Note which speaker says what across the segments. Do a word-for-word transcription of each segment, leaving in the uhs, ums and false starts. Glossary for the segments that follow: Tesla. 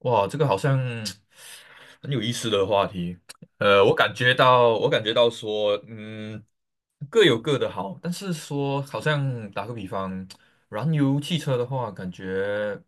Speaker 1: 哇，这个好像很有意思的话题。呃，我感觉到，我感觉到说，嗯，各有各的好，但是说，好像打个比方，燃油汽车的话，感觉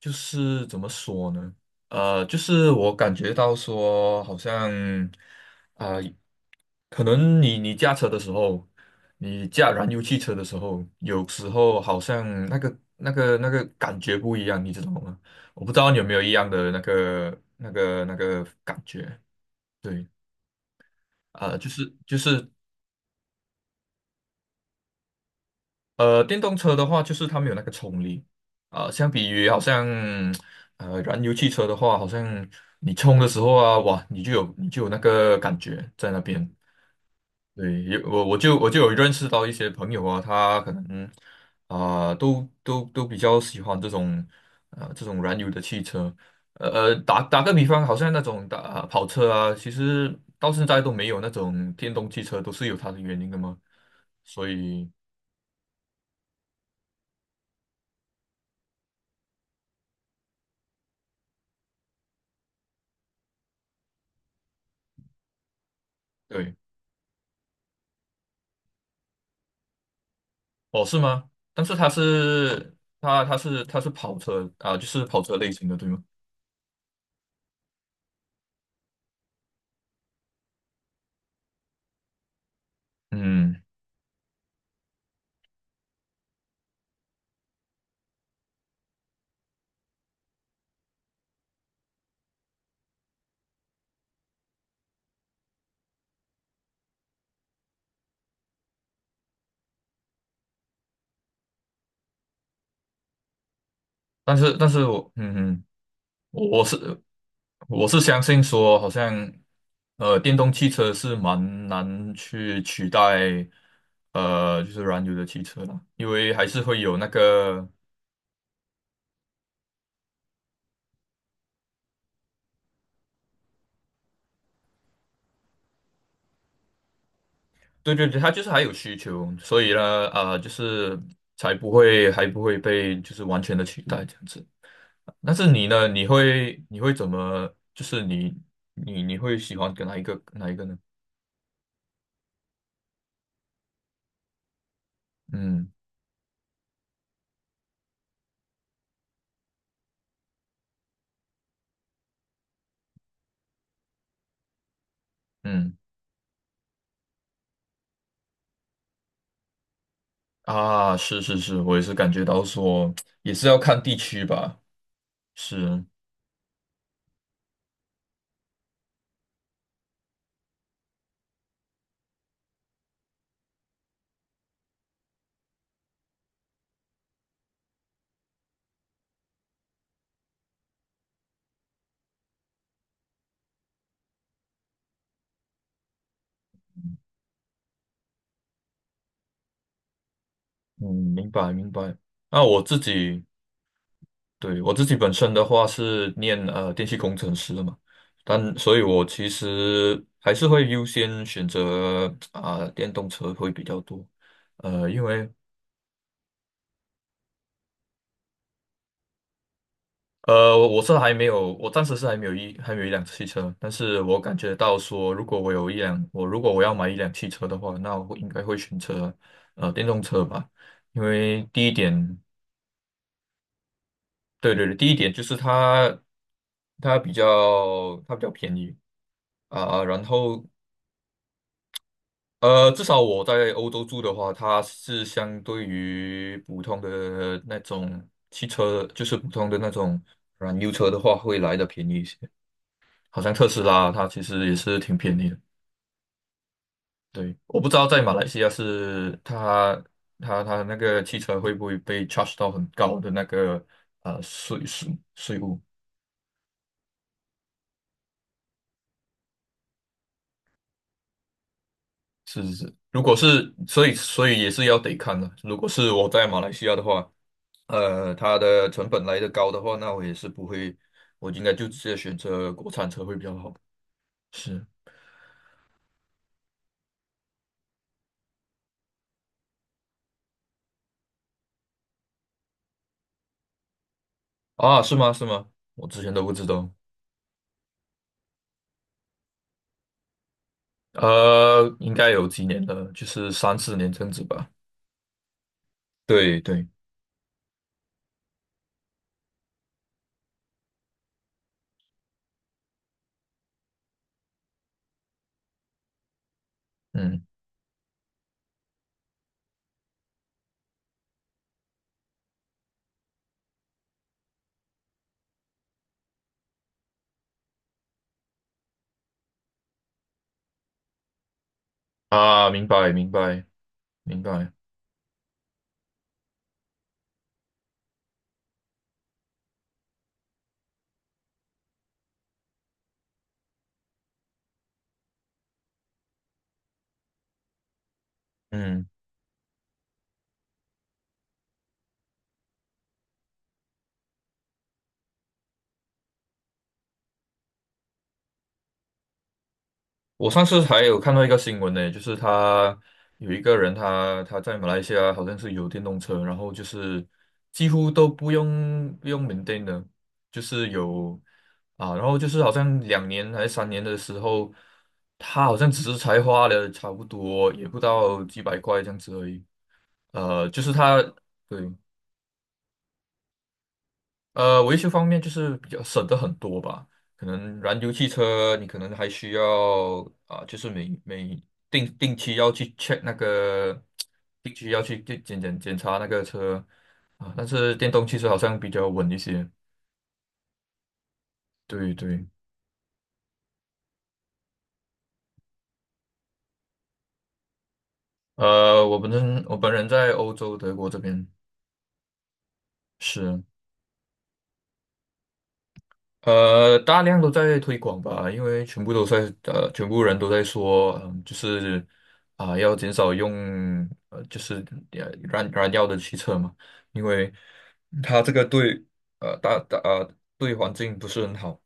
Speaker 1: 就是怎么说呢？呃，就是我感觉到说，好像啊、可能你你驾车的时候，你驾燃油汽车的时候，有时候好像那个那个那个感觉不一样，你知道吗？我不知道你有没有一样的那个那个那个感觉。对，啊、就是就是呃，电动车的话，就是它没有那个冲力啊、相比于好像呃燃油汽车的话，好像你冲的时候啊，哇，你就有你就有那个感觉在那边。对，有我我就我就有认识到一些朋友啊，他可能啊、都都都比较喜欢这种呃这种燃油的汽车。呃呃，打打个比方，好像那种打跑车啊，其实到现在都没有那种电动汽车，都是有它的原因的嘛。所以对。哦，是吗？但是它是它它是它是跑车啊，就是跑车类型的，对吗？嗯，但是但是我嗯嗯，我我是我是相信说，好像呃，电动汽车是蛮难去取代呃，就是燃油的汽车啦，因为还是会有那个。对对对，它就是还有需求，所以呢，呃，就是才不会还不会被就是完全的取代这样子。但是你呢？你会你会怎么？就是你你你会喜欢跟哪一个哪一个呢？嗯嗯啊，是是是，我也是感觉到说，也是要看地区吧。是，嗯，明白明白。那我自己对，我自己本身的话是念呃电气工程师的嘛，但所以我其实还是会优先选择啊、电动车会比较多。呃，因为呃，我是还没有，我暂时是还没有一还没有一辆汽车，但是我感觉到说，如果我有一辆，我如果我要买一辆汽车的话，那我应该会选择呃电动车吧，因为第一点，对对对，第一点就是它它比较它比较便宜啊，然后呃，至少我在欧洲住的话，它是相对于普通的那种汽车，就是普通的那种燃油车的话，会来的便宜一些。好像特斯拉它其实也是挺便宜的。对，我不知道在马来西亚是它它它那个汽车会不会被 charge 到很高的那个呃税税税务？是是是，如果是，所以所以也是要得看的。如果是我在马来西亚的话，呃，它的成本来的高的话，那我也是不会，我应该就直接选择国产车会比较好。是啊，是吗？是吗？我之前都不知道。呃，应该有几年了，就是三四年这样子吧。对对，嗯啊，明白明白明白，嗯，我上次还有看到一个新闻呢，就是他有一个人他，他在马来西亚好像是有电动车，然后就是几乎都不用不用 maintain 的，就是有啊，然后就是好像两年还是三年的时候，他好像只是才花了差不多也不到几百块这样子而已。呃，就是他对。呃，维修方面就是比较省的很多吧。可能燃油汽车，你可能还需要啊、就是每每定定期要去 check 那个，定期要去检检检检查那个车啊。但是电动汽车好像比较稳一些。对对，呃，我本人我本人在欧洲德国这边是。呃，大量都在推广吧，因为全部都在呃，全部人都在说，嗯，就是啊、要减少用呃，就是呃燃燃料的汽车嘛，因为它这个对呃大大呃对环境不是很好。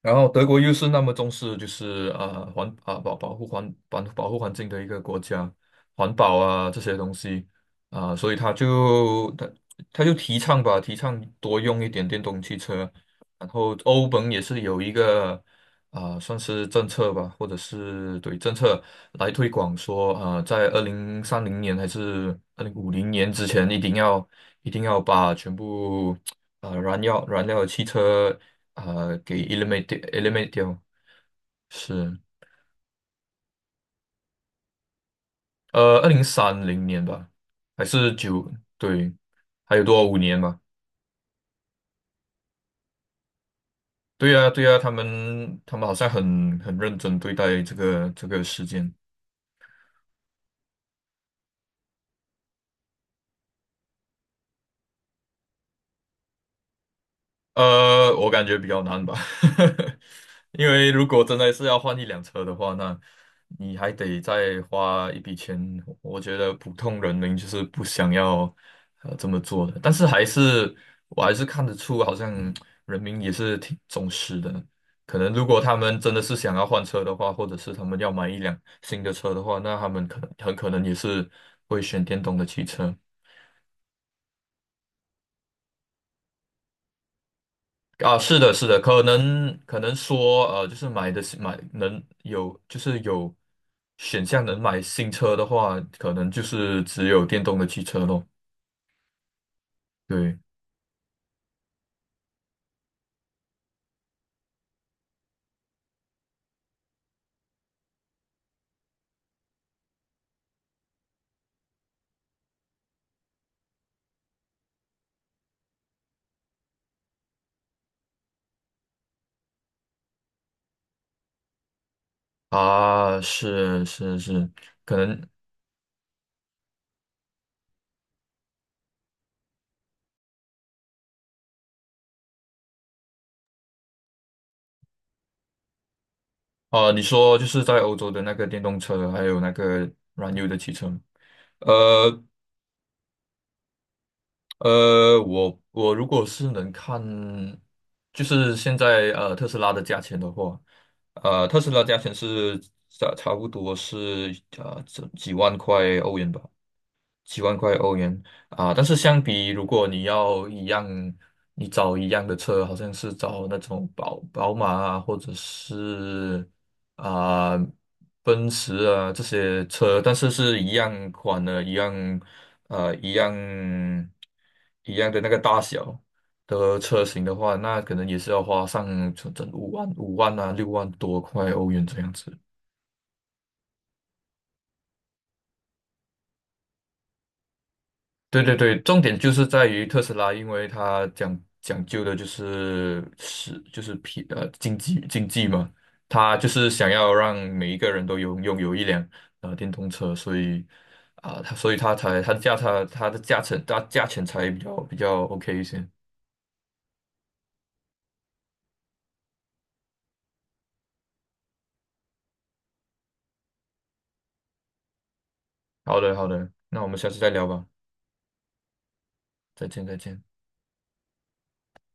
Speaker 1: 然后德国又是那么重视，就是啊环啊保保护环保保护环境的一个国家，环保啊这些东西啊，所以他就他他就提倡吧，提倡多用一点电动汽车。然后欧盟也是有一个啊、算是政策吧，或者是对政策来推广说，啊，在二零三零年还是二零五零年之前，一定要一定要把全部啊、燃料燃料的汽车啊、给 eliminate eliminate 掉。是，呃二零三零年吧，还是九对。还有多少五年吧？对呀、对呀、他们他们好像很很认真对待这个这个事件。呃，我感觉比较难吧，因为如果真的是要换一辆车的话，那你还得再花一笔钱。我觉得普通人民就是不想要呃这么做的，但是还是我还是看得出，好像人民也是挺重视的。可能如果他们真的是想要换车的话，或者是他们要买一辆新的车的话，那他们可能很可能也是会选电动的汽车。啊，是的，是的，可能可能说，呃，就是买的是买能有，就是有选项能买新车的话，可能就是只有电动的汽车咯。对啊，是是是，可能啊，呃你说就是在欧洲的那个电动车，还有那个燃油的汽车，呃。呃，我我如果是能看，就是现在呃特斯拉的价钱的话，呃特斯拉价钱是差差不多是呃这几万块欧元吧。几万块欧元啊，但是相比如果你要一样，你找一样的车，好像是找那种宝宝马啊，或者是啊奔驰啊这些车，但是是一样款的，一样呃一样一样的那个大小的车型的话，那可能也是要花上整整五万五万啊六万多块欧元这样子。对对对，重点就是在于特斯拉，因为它讲讲究的就是是就是皮呃经济经济嘛，它就是想要让每一个人都拥拥有一辆呃电动车，所以啊，它、所以它才它的价它它的价钱它价钱才比较比较 OK 一些。好的好的，那我们下次再聊吧，再见再见。